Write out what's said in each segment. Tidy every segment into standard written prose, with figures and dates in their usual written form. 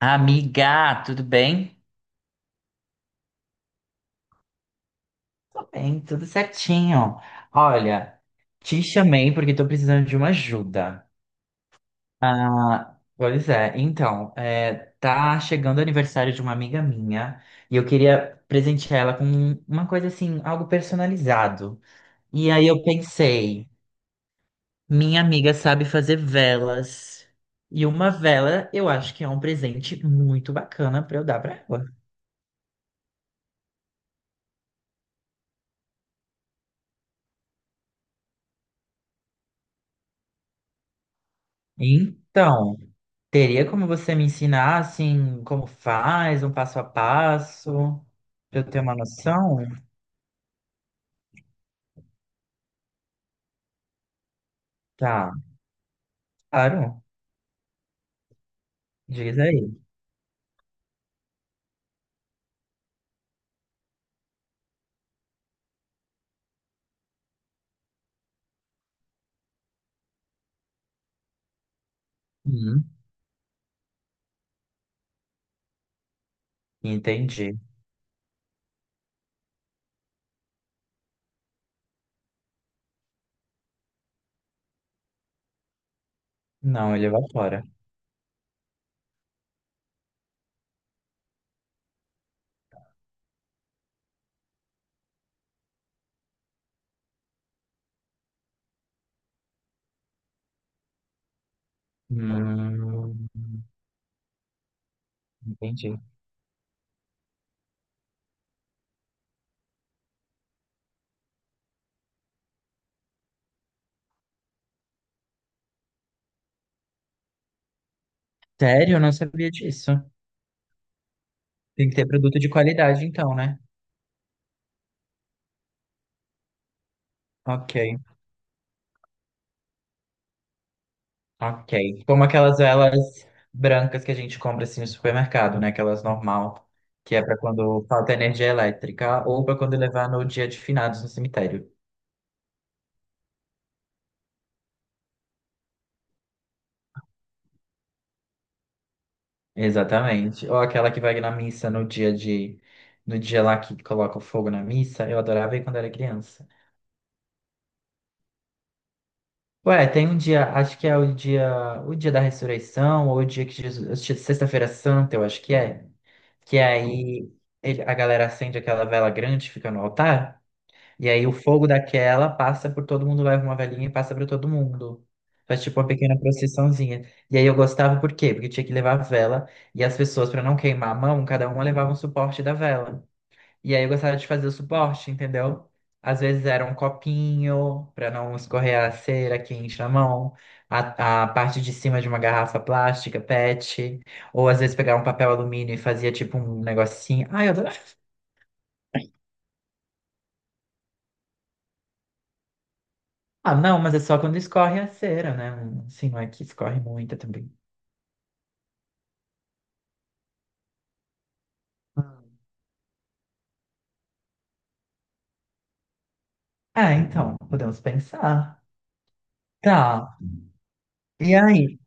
Amiga, tudo bem? Tudo bem, tudo certinho. Olha, te chamei porque tô precisando de uma ajuda. Ah, pois é, então, tá chegando o aniversário de uma amiga minha e eu queria presentear ela com uma coisa assim, algo personalizado. E aí eu pensei, minha amiga sabe fazer velas. E uma vela eu acho que é um presente muito bacana pra eu dar pra ela. Então. Teria como você me ensinar, assim, como faz, um passo a passo, pra eu ter uma noção? Tá, claro, diz aí. Hum, entendi. Não, ele evapora. Hum, entendi. Sério, eu não sabia disso. Tem que ter produto de qualidade, então, né? Ok, ok. Como aquelas velas brancas que a gente compra, assim, no supermercado, né? Aquelas normal, que é pra quando falta energia elétrica ou pra quando levar no dia de finados no cemitério. Exatamente. Ou aquela que vai na missa no dia de, no dia lá que coloca o fogo na missa, eu adorava ir quando era criança. Ué, tem um dia, acho que é o dia da ressurreição, ou o dia que Jesus, sexta-feira santa, eu acho que é. Que aí a galera acende aquela vela grande, fica no altar, e aí o fogo daquela passa por todo mundo, leva uma velhinha e passa para todo mundo. Faz tipo uma pequena procissãozinha. E aí eu gostava por quê? Porque tinha que levar a vela. E as pessoas, para não queimar a mão, cada uma levava um suporte da vela. E aí eu gostava de fazer o suporte, entendeu? Às vezes era um copinho para não escorrer a cera quente na mão, a parte de cima de uma garrafa plástica, PET, ou às vezes pegava um papel alumínio e fazia tipo um negocinho. Ah, eu adorava. Ah, não, mas é só quando escorre a cera, né? Um, assim, não é que escorre muita também. Ah, então, podemos pensar. Tá. E aí?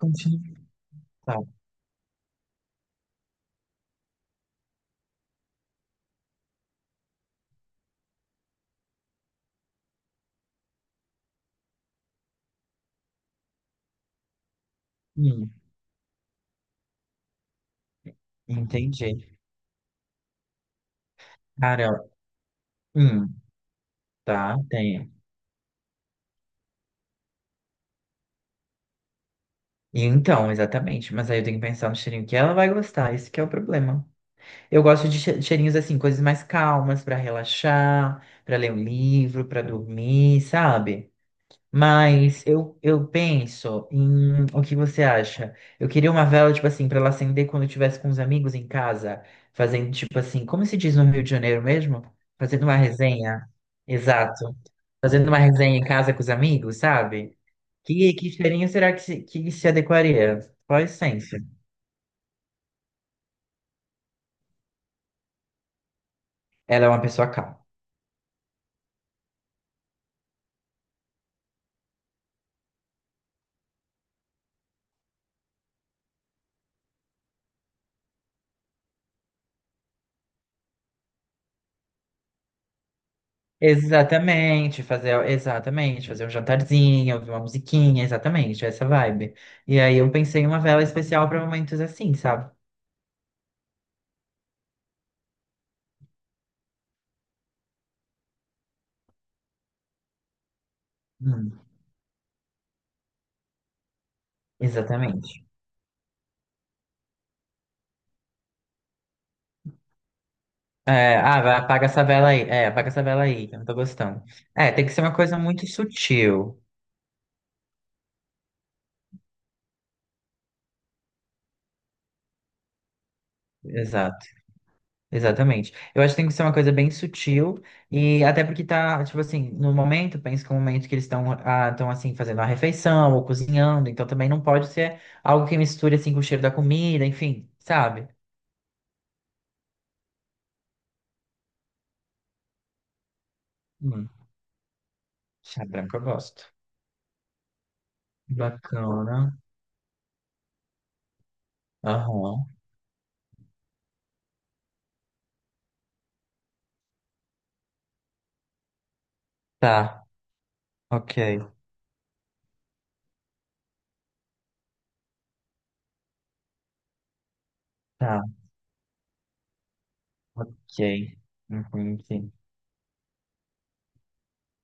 Continua. Tá. Hum, entendi. Cara, hum, tá, tem. E então, exatamente. Mas aí eu tenho que pensar no cheirinho que ela vai gostar. Esse que é o problema. Eu gosto de cheirinhos assim, coisas mais calmas pra relaxar, pra ler um livro, pra dormir, sabe? Mas eu, penso em o que você acha? Eu queria uma vela, tipo assim, pra ela acender quando eu estivesse com os amigos em casa, fazendo, tipo assim, como se diz no Rio de Janeiro mesmo? Fazendo uma resenha. Exato. Fazendo uma resenha em casa com os amigos, sabe? Que cheirinho será que se adequaria? Qual a essência? Ela é uma pessoa calma. Exatamente, fazer um jantarzinho, ouvir uma musiquinha, exatamente, essa vibe. E aí eu pensei em uma vela especial para momentos assim, sabe? Hum, exatamente. É, ah, vai, apaga essa vela aí. É, apaga essa vela aí, que eu não tô gostando. É, tem que ser uma coisa muito sutil. Exatamente. Eu acho que tem que ser uma coisa bem sutil e até porque tá, tipo assim, no momento, penso que é o momento que eles estão estão assim fazendo a refeição ou cozinhando, então também não pode ser algo que misture assim com o cheiro da comida, enfim, sabe? Hum, chá branco eu gosto. Bacana. Aham. Tá. Ok. Tá. Ok. Uhum, sim.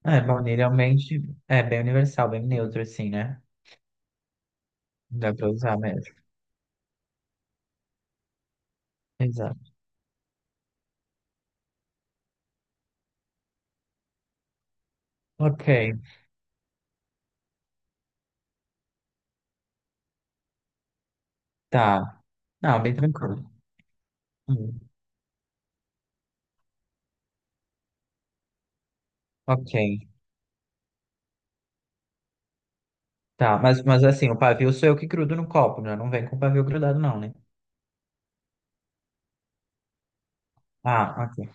É, baunilha realmente é bem universal, bem neutro assim, né? Dá pra usar mesmo. Exato. Ok. Tá. Não, bem tranquilo. Hum. Ok, tá. Mas assim, o pavio sou eu que grudo no copo, né? Não vem com o pavio grudado, não, né? Ah, ok.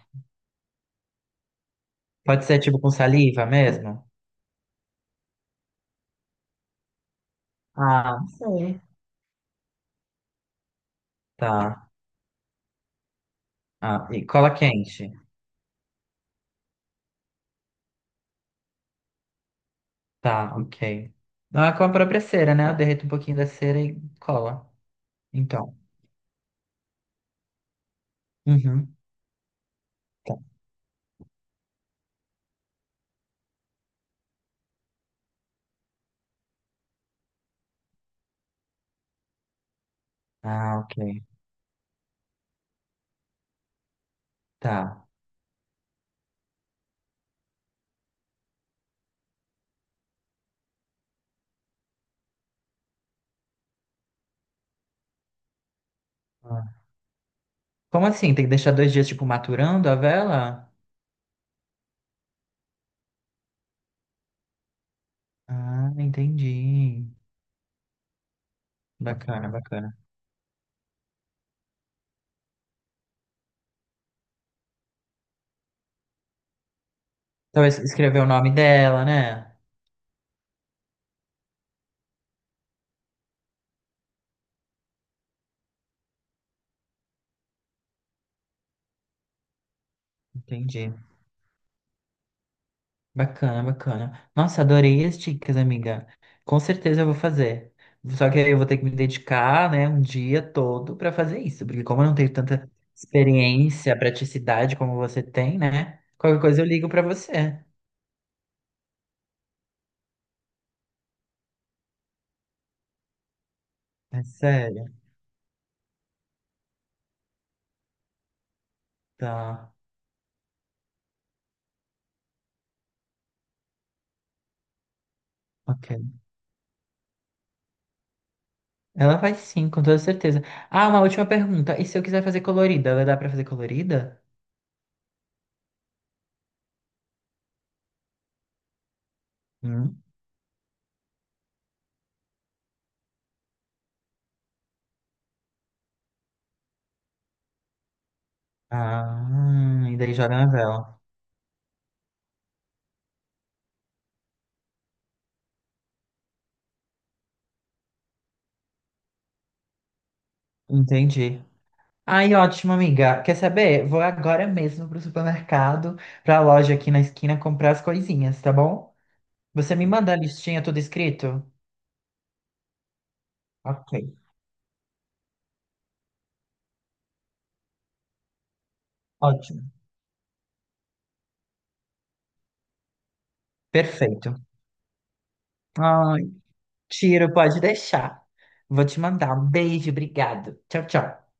Pode ser tipo com saliva mesmo? Ah, sim. Tá. Ah, e cola quente. Tá, ok. Ah, com a própria cera, né? Eu derreto um pouquinho da cera e cola. Então. Uhum. Tá. Ah, ok. Tá. Ah. Como assim? Tem que deixar 2 dias, tipo, maturando a vela? Ah, entendi. Bacana, bacana. Talvez escrever o nome dela, né? Entendi. Bacana, bacana. Nossa, adorei as dicas, amiga. Com certeza eu vou fazer. Só que aí eu vou ter que me dedicar, né, um dia todo para fazer isso, porque como eu não tenho tanta experiência, praticidade como você tem, né? Qualquer coisa eu ligo para você. É sério? Tá. Ok. Ela vai sim, com toda certeza. Ah, uma última pergunta. E se eu quiser fazer colorida, ela dá para fazer colorida? Hum? Ah, e daí joga na vela. Entendi. Ai, ótimo, amiga. Quer saber? Vou agora mesmo pro supermercado, pra loja aqui na esquina, comprar as coisinhas, tá bom? Você me manda a listinha tudo escrito? Ok, ótimo. Perfeito. Ai, tiro, pode deixar. Vou te mandar. Um beijo, obrigado. Tchau, tchau.